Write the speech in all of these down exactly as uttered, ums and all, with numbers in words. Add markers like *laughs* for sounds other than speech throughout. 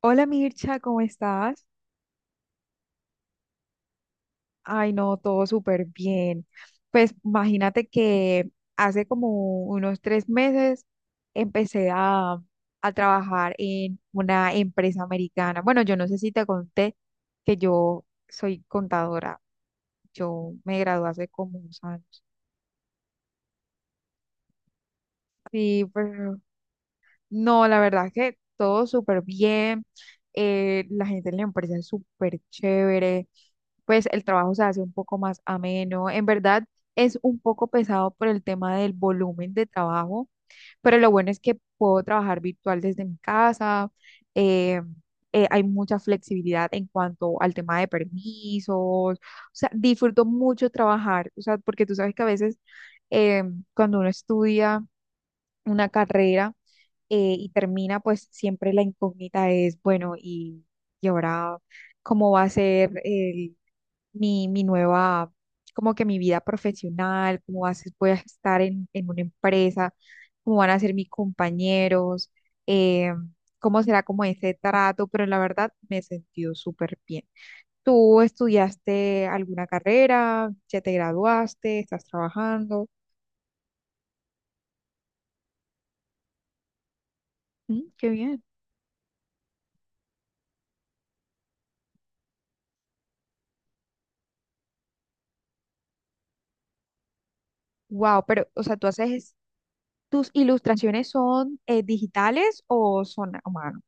Hola Mircha, ¿cómo estás? Ay, no, todo súper bien. Pues imagínate que hace como unos tres meses empecé a, a trabajar en una empresa americana. Bueno, yo no sé si te conté que yo soy contadora. Yo me gradué hace como unos años. Sí, pues no, la verdad que todo súper bien. Eh, la gente en la empresa es súper chévere. Pues el trabajo se hace un poco más ameno. En verdad es un poco pesado por el tema del volumen de trabajo, pero lo bueno es que puedo trabajar virtual desde mi casa. eh, eh, Hay mucha flexibilidad en cuanto al tema de permisos. O sea, disfruto mucho trabajar. O sea, porque tú sabes que a veces em, cuando uno estudia una carrera, eh, y termina, pues siempre la incógnita es, bueno, y, y ahora, ¿cómo va a ser el- mi, mi nueva, como que ¿mi vida profesional? ¿Cómo va a ser- voy a estar en, en una empresa? ¿Cómo van a ser mis compañeros? Eh, ¿Cómo será como ese trato? Pero la verdad me he sentido súper bien. ¿Tú estudiaste alguna carrera? ¿Ya te graduaste? ¿Estás trabajando? Mm, qué bien. Wow, pero, o sea, tú haces ¿tus ilustraciones son eh, digitales o son a mano?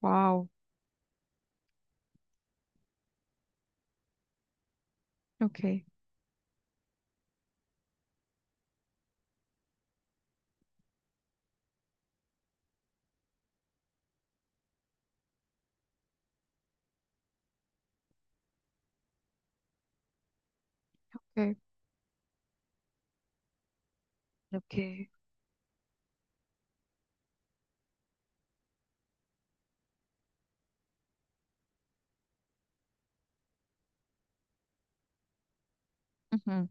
Wow, ok, ok, ok. Ujú.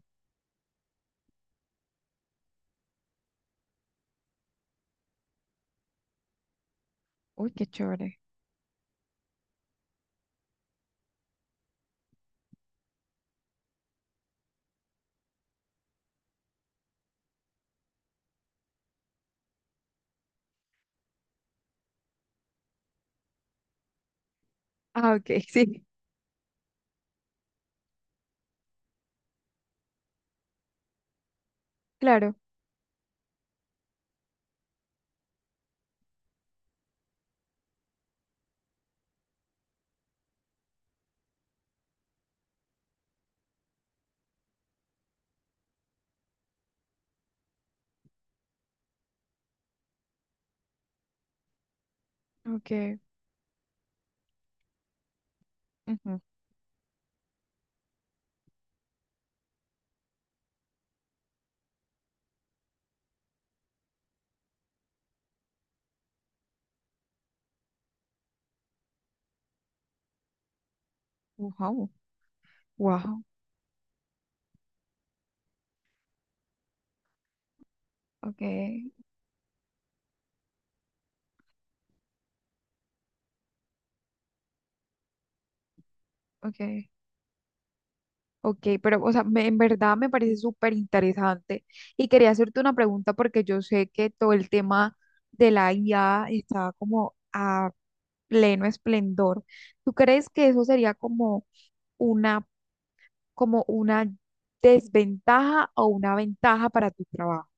Uy, qué chévere. Ah, ok, *laughs* sí, claro. Ok, ujú. Wow. Wow, ok, ok. Ok, pero o sea, me- en verdad me parece súper interesante y quería hacerte una pregunta porque yo sé que todo el tema de la I A está como a pleno esplendor. ¿Tú crees que eso sería como... una como una desventaja o una ventaja para tu trabajo?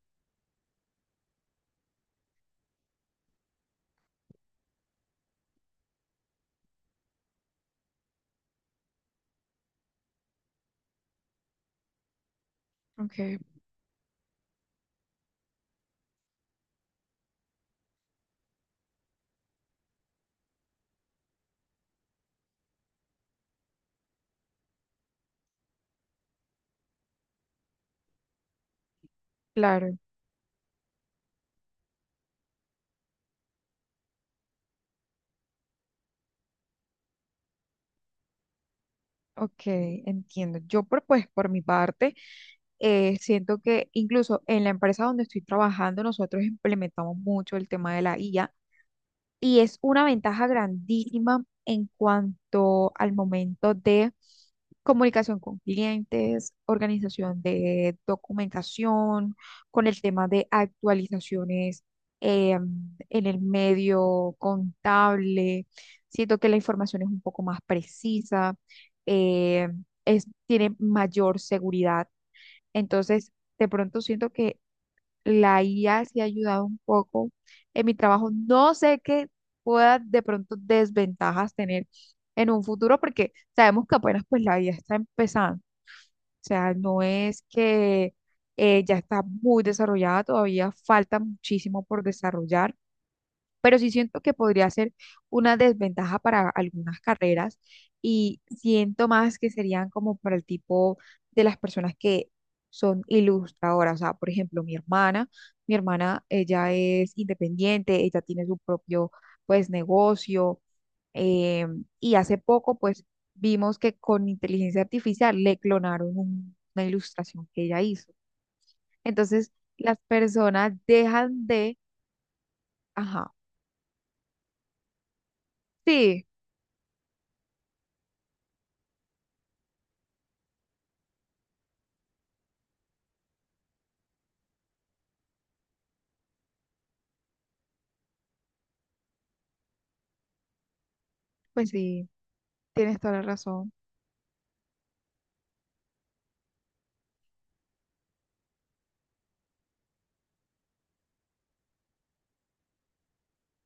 Okay, claro, ok, entiendo. Yo por, pues por mi parte eh, siento que incluso en la empresa donde estoy trabajando nosotros implementamos mucho el tema de la I A y es una ventaja grandísima en cuanto al momento de comunicación con clientes, organización de documentación, con el tema de actualizaciones eh, en el medio contable. Siento que la información es un poco más precisa, eh, es, tiene mayor seguridad. Entonces, de pronto siento que la I A sí ha ayudado un poco en mi trabajo. No sé qué pueda de pronto desventajas tener en un futuro porque sabemos que apenas pues la I A está empezando. O sea, no es que eh, ya está muy desarrollada, todavía falta muchísimo por desarrollar, pero sí siento que podría ser una desventaja para algunas carreras y siento más que serían como para el tipo de las personas que son ilustradoras, o sea, por ejemplo, mi hermana, mi hermana, ella es independiente, ella tiene su propio, pues, negocio, eh, y hace poco, pues, vimos que con inteligencia artificial le clonaron un- una ilustración que ella hizo. Entonces, las personas dejan de, ajá, sí, pues sí. Tienes toda la razón.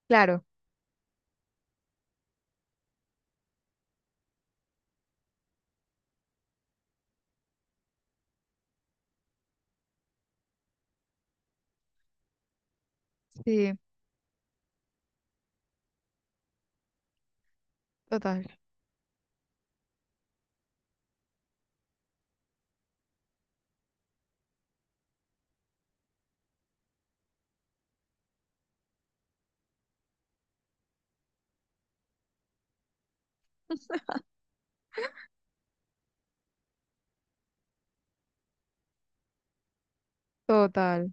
Claro, sí, total, total.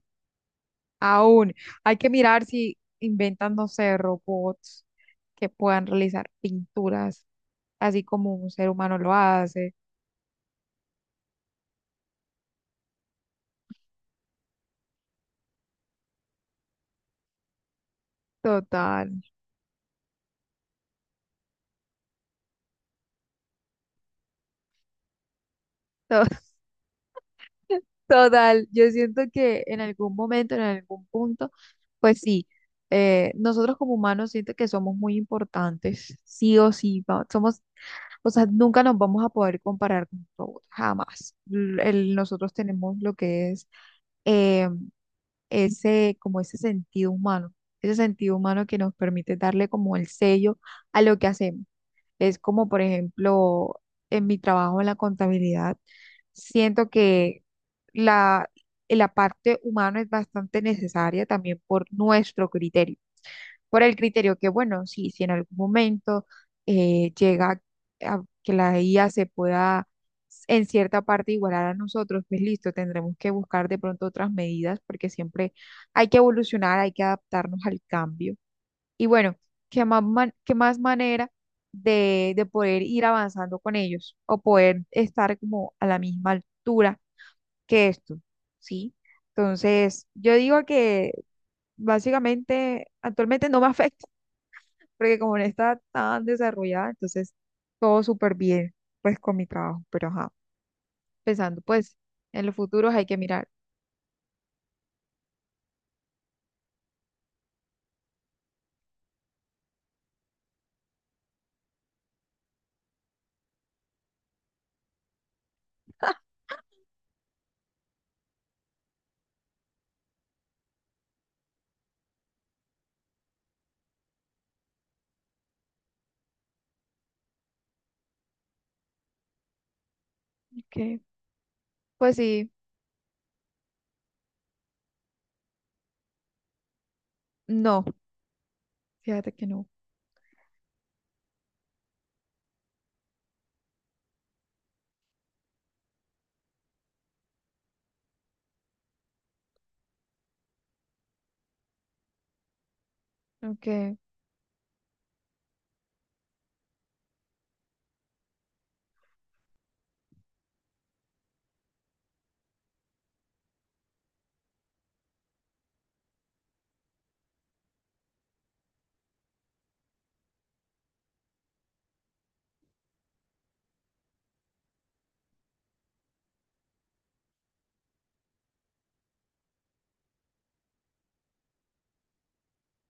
Aún hay que mirar si inventan, no sé, robots que puedan realizar pinturas así como un ser humano lo hace. Total, to- *laughs* total. Yo siento que en algún momento, en algún punto, pues sí, eh, nosotros como humanos siento que somos muy importantes, sí o sí, va- somos... O sea, nunca nos vamos a poder comparar con un robot, jamás. L- el- nosotros tenemos lo que es eh, ese, como ese sentido humano, ese sentido humano que nos permite darle como el sello a lo que hacemos. Es como, por ejemplo, en mi trabajo en la contabilidad, siento que la, la parte humana es bastante necesaria también por nuestro criterio, por el criterio que, bueno, sí, si en algún momento eh, llega a que la I A se pueda en cierta parte igualar a nosotros, pues listo, tendremos que buscar de pronto otras medidas porque siempre hay que evolucionar, hay que adaptarnos al cambio. Y bueno, ¿qué más, man- qué más manera de, de poder ir avanzando con ellos o poder estar como a la misma altura que esto? ¿Sí? Entonces, yo digo que básicamente actualmente no me *laughs* afecta porque como no está tan desarrollada, entonces todo súper bien, pues con mi trabajo, pero ajá, pensando, pues en los futuros hay que mirar. *laughs* Ok, pues sí, no, fíjate que no. Ok,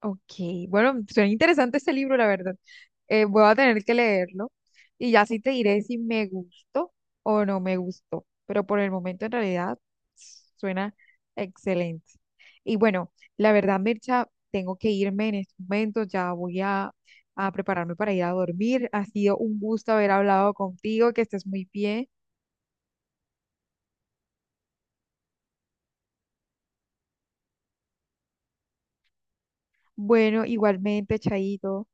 ok, bueno, suena interesante ese libro, la verdad. Eh, voy a tener que leerlo y ya sí te diré si me gustó o no me gustó, pero por el momento en realidad suena excelente. Y bueno, la verdad, Mircha, tengo que irme en estos momentos, ya voy a, a prepararme para ir a dormir. Ha sido un gusto haber hablado contigo, que estés muy bien. Bueno, igualmente, Chaito.